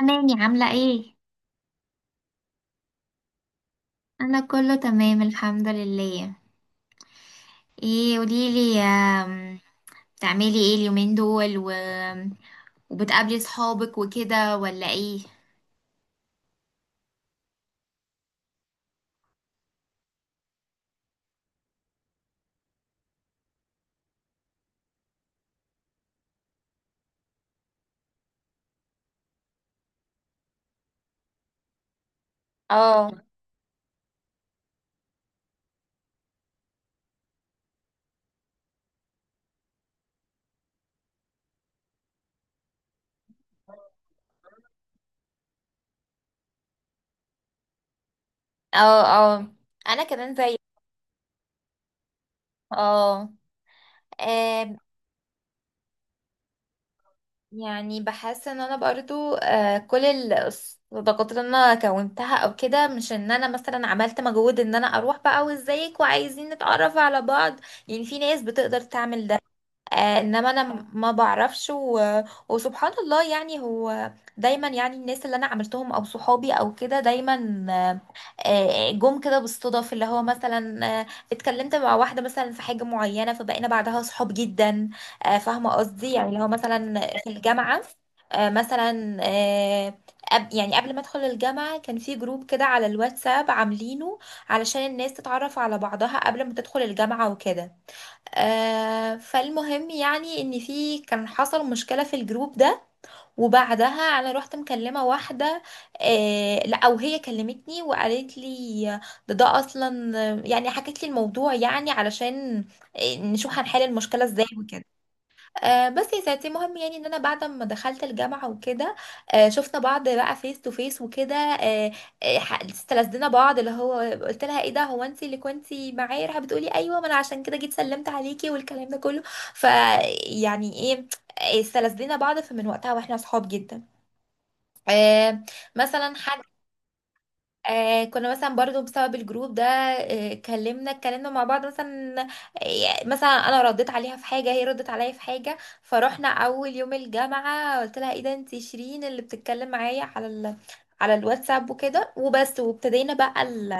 أمان يا عاملة ايه؟ أنا كله تمام الحمد لله. ايه قوليلي، بتعملي ايه اليومين دول وبتقابلي صحابك وكده ولا ايه؟ اه. اه. اه. انا كمان زي، اه آم، يعني بحس ان انا برضو كل الصداقات اللي انا كونتها او كده، مش ان انا مثلا عملت مجهود ان انا اروح بقى وازيك وعايزين نتعرف على بعض. يعني في ناس بتقدر تعمل ده. انما انا ما بعرفش وسبحان الله، يعني هو دايما، يعني الناس اللي انا عملتهم او صحابي او كده دايما، جم كده بالصدف، اللي هو مثلا اتكلمت مع واحده مثلا في حاجه معينه، فبقينا بعدها صحاب جدا. فاهمه قصدي؟ يعني اللي هو مثلا في الجامعه، آه، مثلا آه، يعني قبل ما ادخل الجامعه كان في جروب كده على الواتساب عاملينه، علشان الناس تتعرف على بعضها قبل ما تدخل الجامعه وكده. فالمهم يعني ان في كان حصل مشكلة في الجروب ده، وبعدها انا رحت مكلمة واحدة. لا، او هي كلمتني وقالت لي، ده اصلا، يعني حكت لي الموضوع، يعني علشان نشوف هنحل المشكلة ازاي وكده. بس يا ساتي، المهم يعني ان انا بعد ما دخلت الجامعه وكده، شفنا بعض بقى فيس تو فيس وكده. استلذنا بعض، اللي هو قلت لها ايه ده، هو انت اللي كنتي معايا؟ راح بتقولي ايوه، ما انا عشان كده جيت سلمت عليكي والكلام ده كله. ف يعني ايه، استلذنا بعض، فمن وقتها واحنا صحاب جدا. آه. مثلا حاجه، كنا مثلا برضو بسبب الجروب ده، آه كلمنا اتكلمنا مع بعض مثلا، مثلا انا رديت عليها في حاجه، هي ردت عليا في حاجه. فروحنا اول يوم الجامعه قلت لها ايه ده، انت شيرين اللي بتتكلم معايا على على الواتساب وكده، وبس. وابتدينا بقى ال...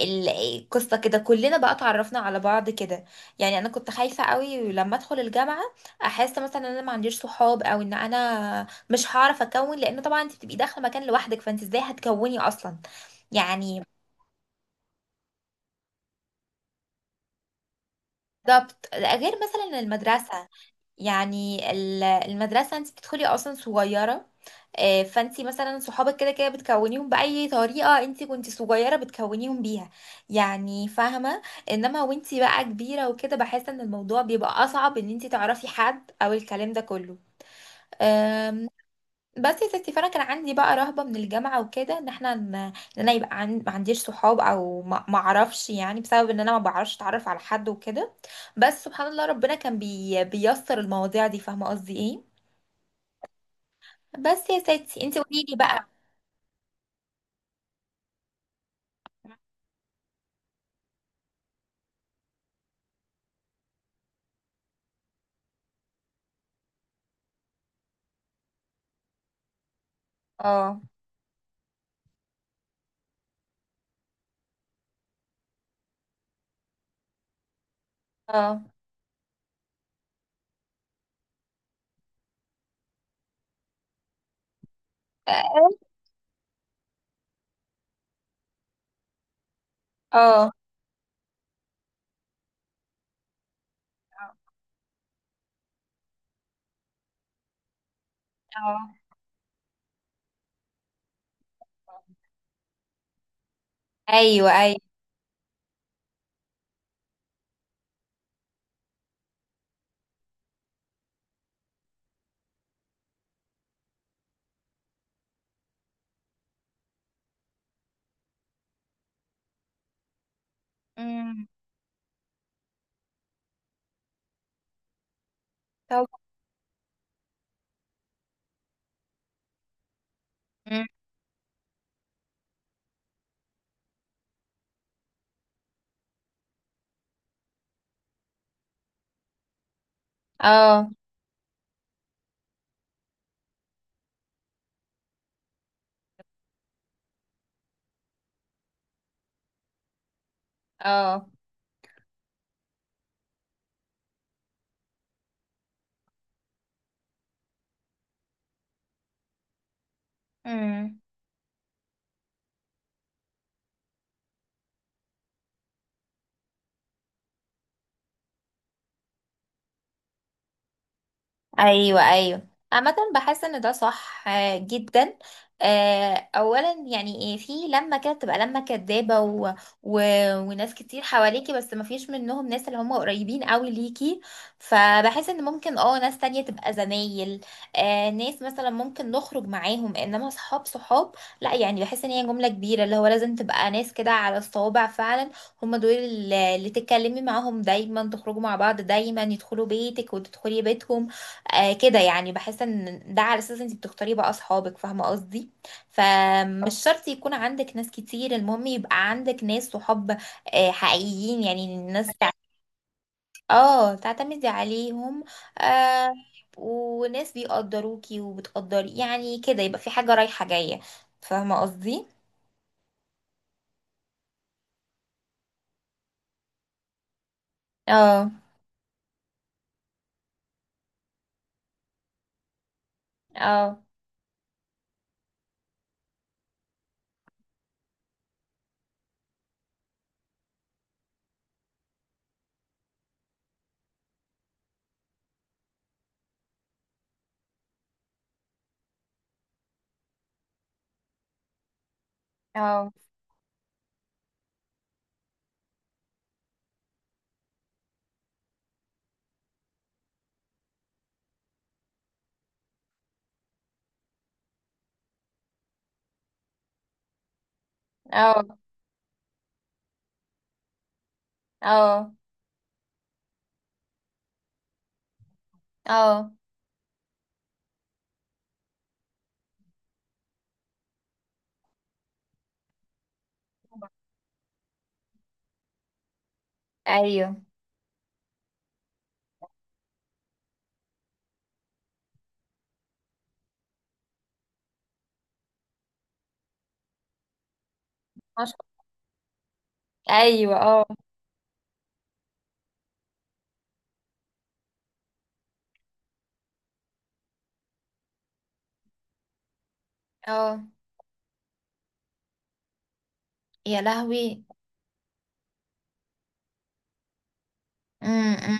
ال- القصه كده، كلنا بقى اتعرفنا على بعض كده. يعني انا كنت خايفه قوي لما ادخل الجامعه، احس مثلا ان انا ما عنديش صحاب، او ان انا مش هعرف اكون، لان طبعا انت بتبقي داخله مكان لوحدك، فانت ازاي هتكوني اصلا؟ يعني بالظبط، غير مثلا المدرسة، يعني المدرسة انت بتدخلي اصلا صغيرة، فانت مثلا صحابك كده كده بتكونيهم بأي طريقة، انت كنت صغيرة بتكونيهم بيها. يعني فاهمة؟ انما وانت بقى كبيرة وكده، بحس ان الموضوع بيبقى اصعب، ان انت تعرفي حد او الكلام ده كله. بس يا ستي، فانا كان عندي بقى رهبه من الجامعه وكده، ان احنا ان انا يبقى ما عنديش صحاب، او ما اعرفش يعني، بسبب ان انا ما بعرفش اتعرف على حد وكده. بس سبحان الله، ربنا كان بيسر المواضيع دي. فاهمه قصدي ايه؟ بس يا ستي، انت قولي لي بقى. اه. اه. اه. اه. اه. آه. ايوه. ايوه. امم. طب. مم. اه. اه. مم. ايوه. ايوه. عامة بحس ان ده صح جدا. اولا يعني ايه في، لما كده تبقى لما كدابه و... وناس كتير حواليكي، بس ما فيش منهم ناس اللي هم قريبين قوي ليكي. فبحس ان ممكن اه ناس تانية تبقى زمايل، ناس مثلا ممكن نخرج معاهم، انما صحاب صحاب، لا. يعني بحس ان هي جملة كبيرة، اللي هو لازم تبقى ناس كده على الصوابع فعلا، هم دول اللي تتكلمي معاهم دايما، تخرجوا مع بعض دايما، يدخلوا بيتك وتدخلي بيتهم. كده يعني، بحس ان ده على اساس انت بتختاري بقى اصحابك. فاهمه قصدي؟ فمش شرط يكون عندك ناس كتير، المهم يبقى عندك ناس صحاب حقيقيين، يعني الناس اه تعتمدي عليهم، آه وناس بيقدروكي وبتقدري يعني كده، يبقى في حاجه رايحه جايه. فاهمه قصدي؟ اه. اه. اه. اه. اه. اه. ايوه. ما شاء- الله. ايوه. اه. اه. يا لهوي. امم.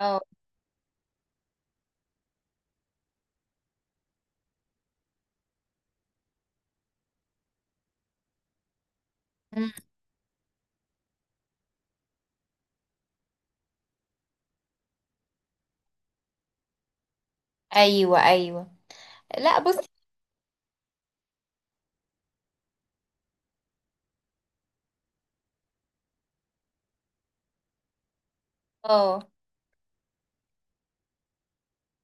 اه. ايوه. ايوه. لا بصي. اه.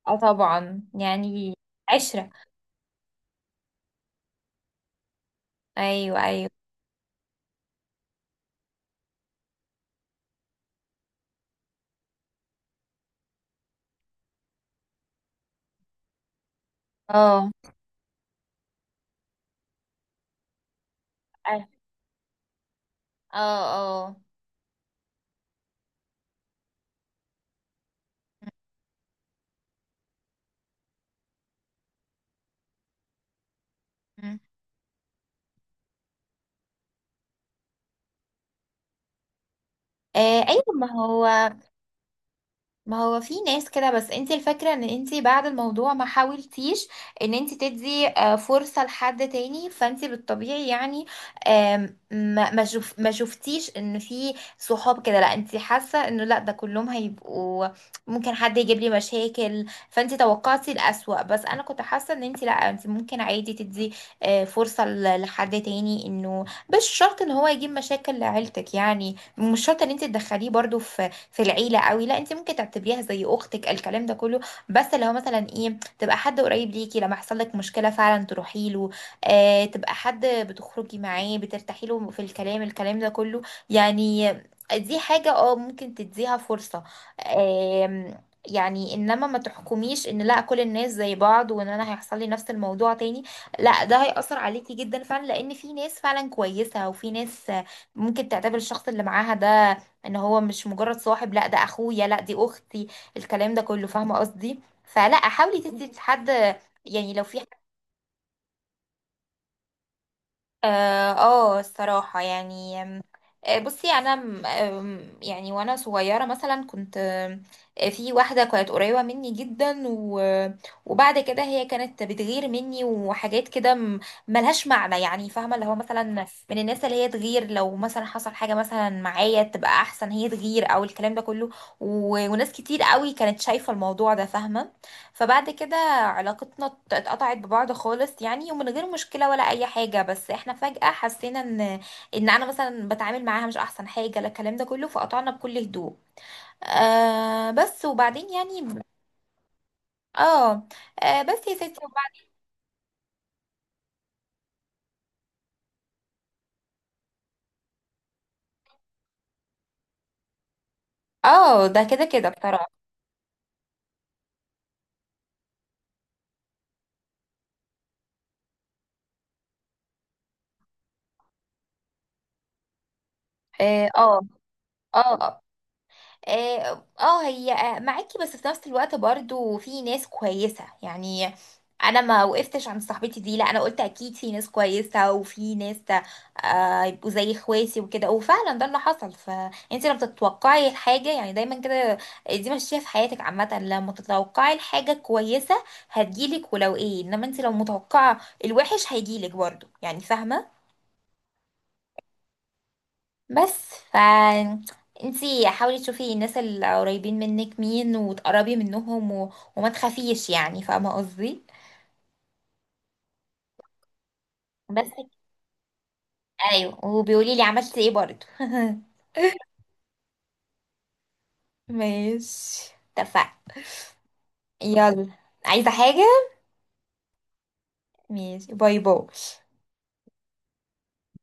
اه. طبعا يعني عشرة. ايوه. ايوه. اه. اه. اه. آه. م- م. ايوه ما هو، ما هو في ناس كده. بس انت الفكرة ان انت بعد الموضوع ما حاولتيش ان انت تدي فرصة لحد تاني. فانت بالطبيعي يعني، آم، ما ما شوف ما شفتيش ان في صحاب كده، لا انت حاسة انه لا ده كلهم هيبقوا ممكن حد يجيب لي مشاكل. فانت توقعتي الأسوأ، بس انا كنت حاسة ان انت لا، انت ممكن عادي تدي فرصة لحد تاني، انه مش شرط ان هو يجيب مشاكل لعيلتك. يعني مش شرط ان انت تدخليه برضو في العيله قوي، لا انت ممكن تعتبريها زي اختك، الكلام ده كله. بس لو مثلا ايه، تبقى حد قريب ليكي، لما يحصل لك مشكله فعلا تروحي له، تبقى حد بتخرجي معاه، بترتاحي له في الكلام، الكلام ده كله يعني. دي حاجه اه ممكن تديها فرصه. آم، يعني انما ما تحكميش ان لا كل الناس زي بعض، وان انا هيحصل لي نفس الموضوع تاني، لا ده هيأثر عليكي جدا فعلا، لان في ناس فعلا كويسة، وفي ناس ممكن تعتبر الشخص اللي معاها ده ان هو مش مجرد صاحب، لا ده اخويا، لا دي اختي، الكلام ده كله. فاهمه قصدي؟ فلا، حاولي تدي لحد يعني. لو في اه الصراحة يعني، آم، آه، بصي انا م- آم، يعني وانا صغيرة مثلا كنت، آم، آه، في واحدة كانت قريبة مني جدا، وبعد كده هي كانت بتغير مني، وحاجات كده ملهاش معنى. يعني فاهمة؟ اللي هو مثلا من الناس اللي هي تغير، لو مثلا حصل حاجة مثلا معايا تبقى احسن، هي تغير او الكلام ده كله. وناس كتير قوي كانت شايفة الموضوع ده. فاهمة؟ فبعد كده علاقتنا اتقطعت ببعض خالص يعني، ومن غير مشكلة ولا أي حاجة، بس احنا فجأة حسينا ان أنا مثلا بتعامل معاها مش أحسن حاجة، لا الكلام ده كله، فقطعنا بكل هدوء. بس وبعدين يعني اه، بس يا ستي وبعد. اه، ده كده كده بصراحة. اه. اه. اه. آه. اه. هي معاكي، بس في نفس الوقت برضو في ناس كويسة يعني. انا ما وقفتش عند صاحبتي دي، لا انا قلت اكيد في ناس كويسة، وفي ناس يبقوا زي اخواتي وكده، وفعلا ده اللي حصل. فانت لما تتوقعي الحاجة يعني دايما كده، دي ماشية في حياتك عامة، لما تتوقعي الحاجة كويسة هتجيلك، ولو ايه. انما انت لو متوقعة الوحش هيجيلك برضو. يعني فاهمة؟ بس انتي حاولي تشوفي الناس اللي قريبين منك مين، وتقربي منهم وما تخافيش. يعني فاهمة قصدي؟ بس ايوه، وبيقولي لي عملت ايه برضو ماشي. اتفقنا. يلا. عايزة حاجة؟ ماشي، باي باي.